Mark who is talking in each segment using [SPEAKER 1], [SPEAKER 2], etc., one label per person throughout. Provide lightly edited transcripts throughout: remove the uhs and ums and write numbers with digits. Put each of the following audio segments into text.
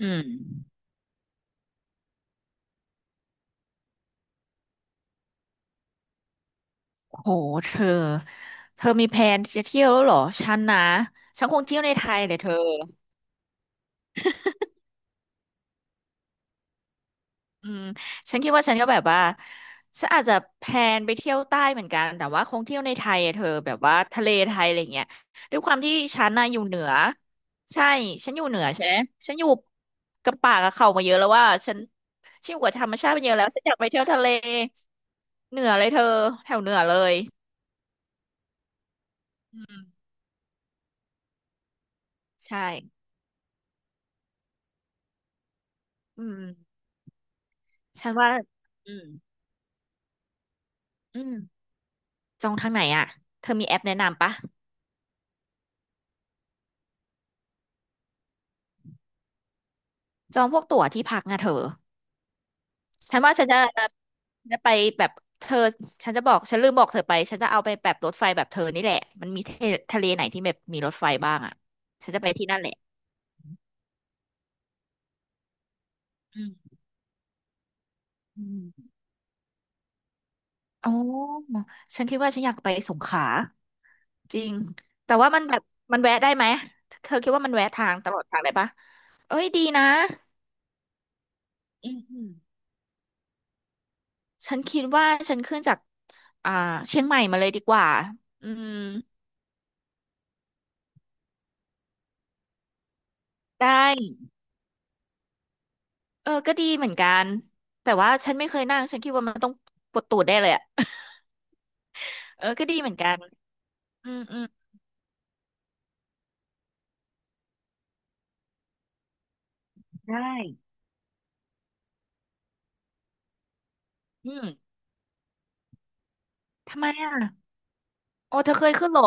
[SPEAKER 1] อืมโหเธอเธอมีแพลนจะเที่ยวแล้วเหรอฉันนะฉันคงเที่ยวในไทยเลยเธออืมฉันคิดว่าฉันก็แบบว่าฉันอาจจะแพลนไปเที่ยวใต้เหมือนกันแต่ว่าคงเที่ยวในไทยอะเธอแบบว่าทะเลไทยอะไรเงี้ยด้วยความที่ฉันน่ะอยู่เหนือใช่ฉันอยู่เหนือใช่ไหมฉันอยู่กับป่ากับเขามาเยอะแล้วว่าฉันชินอยู่กับธรรมชาติมาเยอะแล้วฉันอยากไปเที่ยวทะเลเหนือเลยเธอแถวเหนือเลยใช่อืมฉันว่าอืม อืมจองทางไหนอ่ะเธอมีแอปแนะนำปะจองพวกตั๋วที่พักนะเธอฉันว่าฉันจะจะไปแบบเธอฉันจะบอกฉันลืมบอกเธอไปฉันจะเอาไปแบบรถไฟแบบเธอนี่แหละมันมีทะเลไหนที่แบบมีรถไฟบ้างอ่ะฉันจะไปที่นั่นแหละอืมอืมอ๋อฉันคิดว่าฉันอยากไปสงขลาจริงแต่ว่ามันแบบมันแวะได้ไหมเธอคิดว่ามันแวะทางตลอดทางได้ปะเอ้ยดีนะอืม ฉันคิดว่าฉันขึ้นจากอ่าเชียงใหม่มาเลยดีกว่าอืมได้เออก็ดีเหมือนกันแต่ว่าฉันไม่เคยนั่งฉันคิดว่ามันต้องปวดตูดได้เลยอะ เออก็ดีเหมือนกันอืมอืมได้อืมทำไมอ่ะโอ้เธอเคยขึ้นเหรอ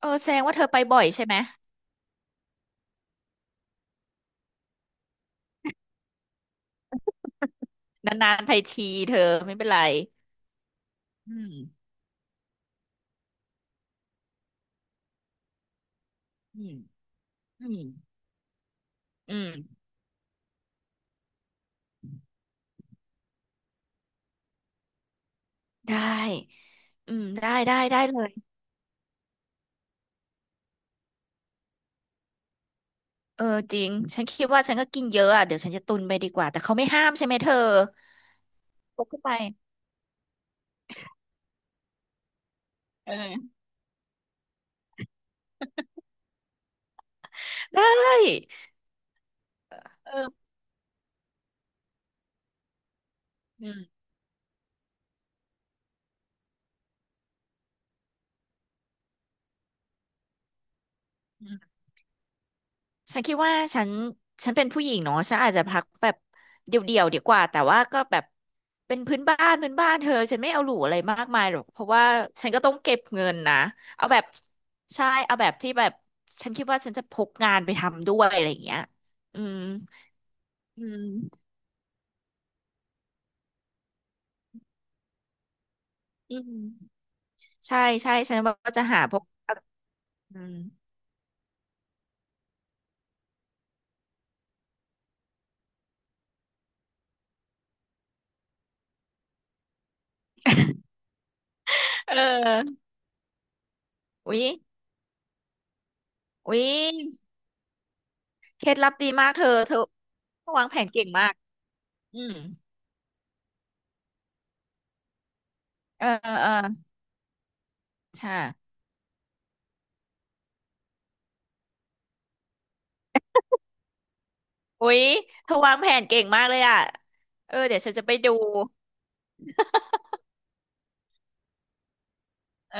[SPEAKER 1] เออแสดงว่าเธอไปบ่อยใช่ไหมนานๆไปทีเธอไม่เป็นไรอืมอืมอืมอืมได้ได้ได้ได้เลย เออจริงฉันคิดว่าฉันก็กินเยอะอ่ะเดี๋ยวฉันจะตุนไปดีกว่าแต่เขาไม่ห้ามใช่ไหมเธอพกเข้าไปเออได้เอออืมอืมฉันคิดว่าฉันเป็นผู้หญิงเนาะฉันอาจจะพักแบบเดี่ยวๆดีกว่าแต่ว่าก็แบบเป็นพื้นบ้านพื้นบ้านเธอฉันไม่เอาหรูอะไรมากมายหรอกเพราะว่าฉันก็ต้องเก็บเงินนะเอาแบบใช่เอาแบบที่แบบฉันคิดว่าฉันจะพกงานไปทำด้วยอะไรอย่างเงี้ยอืมอืมอืมใช่ใช่ฉันว่าจะหาพวก อืมเอออุ๊ยอุ๊ยเคล็ดลับดีมากเธอวางแผนเก่งมากอืมเออเออเออใช่อุ๊ยเธอวางแผนเก่งมากเลยอ่ะเออเดี๋ยวฉันจะไปดูเออ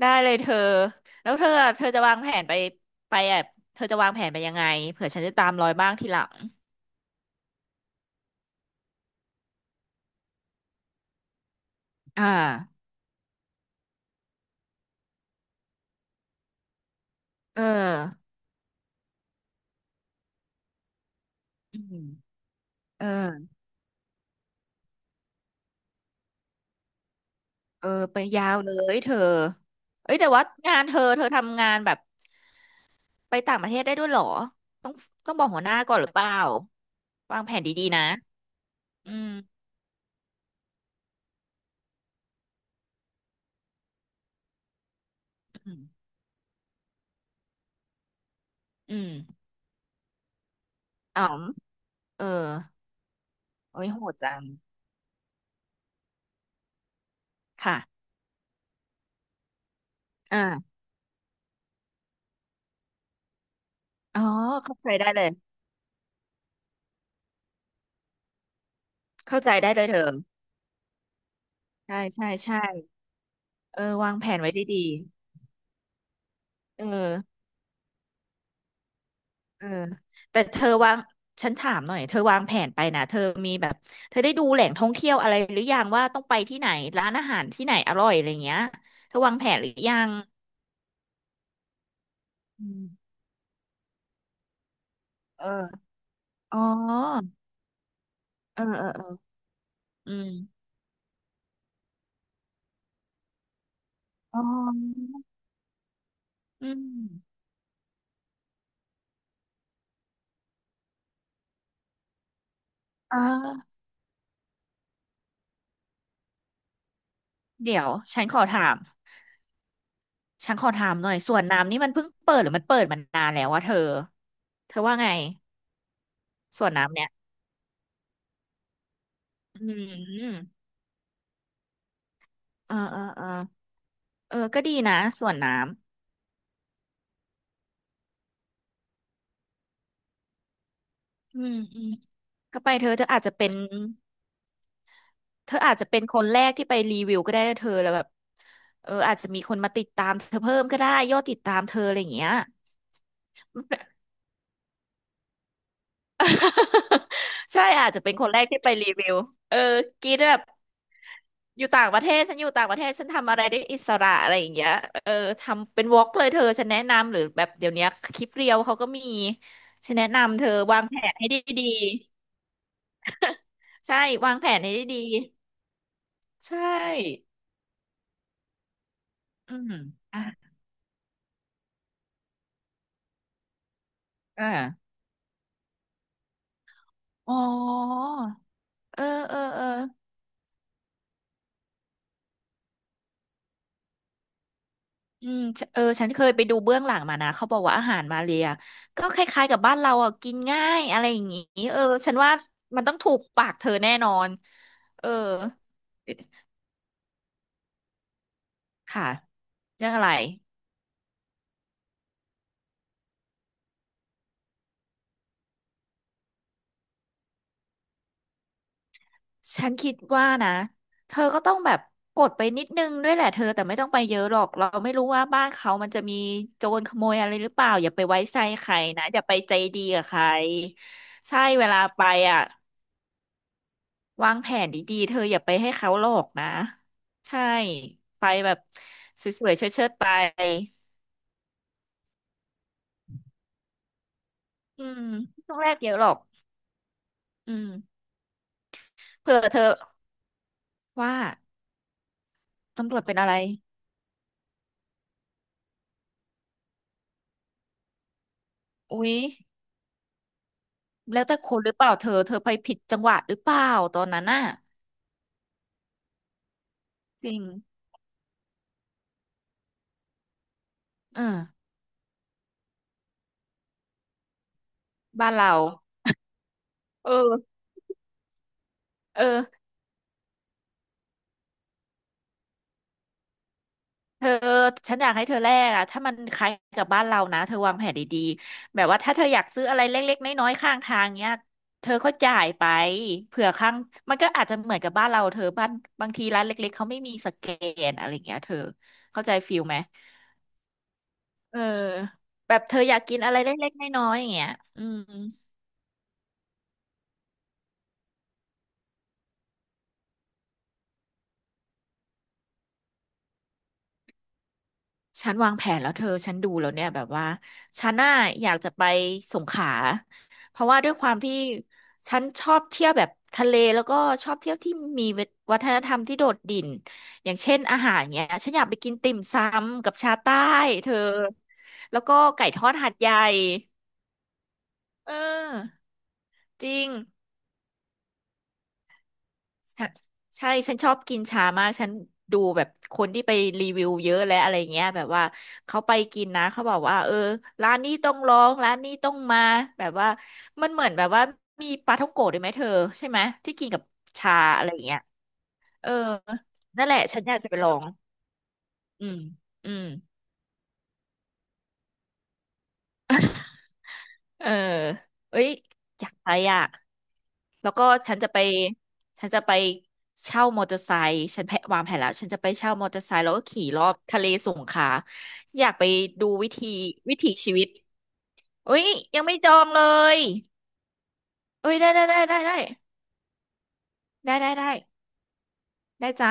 [SPEAKER 1] ได้เลยเธอแล้วเธอจะวางแผนไปไปอ่ะเธอจะวางแผนไปยังไงเผื่อฉันจะตามรอยบ้างทีหลังอ่าเอออืมเออเออไปยาวเลยเธอเอ้ยแต่ว่างานเธอทำงานแบบไปต่างประเทศได้ด้วยเหรอ ต้องบอกหัวหน้าก่อนหรือเปล่าวางแผนดีๆนะอืมอืมอืมอ๋อมเออโอ้ยโหดจังค่ะอ่าอ๋อเข้าใจได้เลยเข้าใจได้เลยเธอใช่ใช่ใช่เออวางแผนไว้ดีๆเออเออแต่เธอวางฉันถามหน่อยเธอวางแผนไปนะเธอมีแบบเธอได้ดูแหล่งท่องเที่ยวอะไรหรือยังว่าต้องไปที่ไหนร้านอาหารที่ไหนอร่อยอะไรเงี้ยเธอวางแผนหรือยังอืมเอออ๋อเออเออเอออืม อ๋ออืมอ่าเดี๋ยว ฉันขอถามหน่อยสวนน้ำนี่มันเพิ่งเปิดหรือมันเปิดมานานแล้ววะเธอ เธอว่าไงสวนน้ำเนี่ยอืมเออเออเออเออก็ดีนะสวนน้ำก็ไปเธอเธออาจจะเป็นเธออาจจะเป็นคนแรกที่ไปรีวิวก็ได้นะเธอแล้วแบบเอออาจจะมีคนมาติดตามเธอเพิ่มก็ได้ยอดติดตามเธออะไรอย่างเงี้ย ใช่อาจจะเป็นคนแรกที่ไปรีวิวเออกินแบบอยู่ต่างประเทศฉันอยู่ต่างประเทศฉันทำอะไรได้อิสระอะไรอย่างเงี้ยเออทำเป็นวอล์กเลยเธอฉันแนะนำหรือแบบเดี๋ยวเนี้ยคลิปเรียวเขาก็มีฉันแนะนำเธอวางแผนให้ดีๆใช่วางแผนให้ดีๆใช่อืมอ่ะอ่าอ๋อเออเออเออ อืมฉเออฉันเคยไปดูเบื้องหลังมานะเขาบอกว่าอาหารมาเลียก็คล้ายๆกับบ้านเราอ่ะกินง่ายอะไรอย่างงี้เออฉันว่ามันต้องถูกปากเธอแน่นอนเออค่ะเรื่องอะไรฉันคิดว่านะเธอก็ต้องแบบกดไปนิดนึงด้วยแหละเธอแต่ไม่ต้องไปเยอะหรอกเราไม่รู้ว่าบ้านเขามันจะมีโจรขโมยอะไรหรือเปล่าอย่าไปไว้ใจใครนะอย่าไปใจดีกับใครใช่เวลาไปอ่ะ วางแผนดีๆ เธออย่าไปให้เขาหลอกนะใช่ไปแบบสวยๆเชิดๆไปอืมช้วงแรกเยอะหรอกอืมเผื่อเธอว่าตำรวจเป็นอะไรอุ๊ยแล้วแต่คนหรือเปล่าเธอไปผิดจังหวะหรือเปล่าตอนนั้นน่ะจริงเออบ้านเราเออเออ เธอฉันอยากให้เธอแลกอะถ้ามันคล้ายกับบ้านเรานะเธอวางแผนดีๆแบบว่าถ้าเธออยากซื้ออะไรเล็กๆน้อยๆข้างทางเนี้ยเธอก็จ่ายไปเผื่อข้างมันก็อาจจะเหมือนกับบ้านเราเธอบ้านบางทีร้านเล็กๆเขาไม่มีสแกนอะไรอย่างเงี้ยเธอเข้าใจฟิลไหมเออแบบเธออยากกินอะไรเล็กๆน้อยๆอย่างเงี้ยอืม ฉันวางแผนแล้วเธอฉันดูแล้วเนี่ยแบบว่าฉันน่าอยากจะไปสงขลาเพราะว่าด้วยความที่ฉันชอบเที่ยวแบบทะเลแล้วก็ชอบเที่ยวที่มีวัฒนธรรมที่โดดดิ่นอย่างเช่นอาหารเนี้ยฉันอยากไปกินติ่มซำกับชาใต้เธอแล้วก็ไก่ทอดหาดใหญ่เออจริง ฉันใช่ ฉันชอบกินชามาก ฉันดูแบบคนที่ไปรีวิวเยอะและอะไรเงี้ยแบบว่าเขาไปกินนะเขาบอกว่าเออร้านนี้ต้องลองร้านนี้ต้องมาแบบว่ามันเหมือนแบบว่ามีปลาท่องโกะด้วยไหมเธอใช่ไหมที่กินกับชาอะไรเงี้ยเออนั่นแหละฉันอยากจะไปลองอืมอืม เออเอ้ยอยากไปอ่ะแล้วก็ฉันจะไป ฉันจะไปเช่ามอเตอร์ไซค์ฉันแพะวางแผนแล้วฉันจะไปเช่ามอเตอร์ไซค์แล้วก็ขี่รอบทะเลสงขลาอยากไปดูวิถีชีวิตเอ้ยยังไม่จองเลยเอ้ยได้ได้ได้ได้ได้ได้ได้ได้ได้จ้า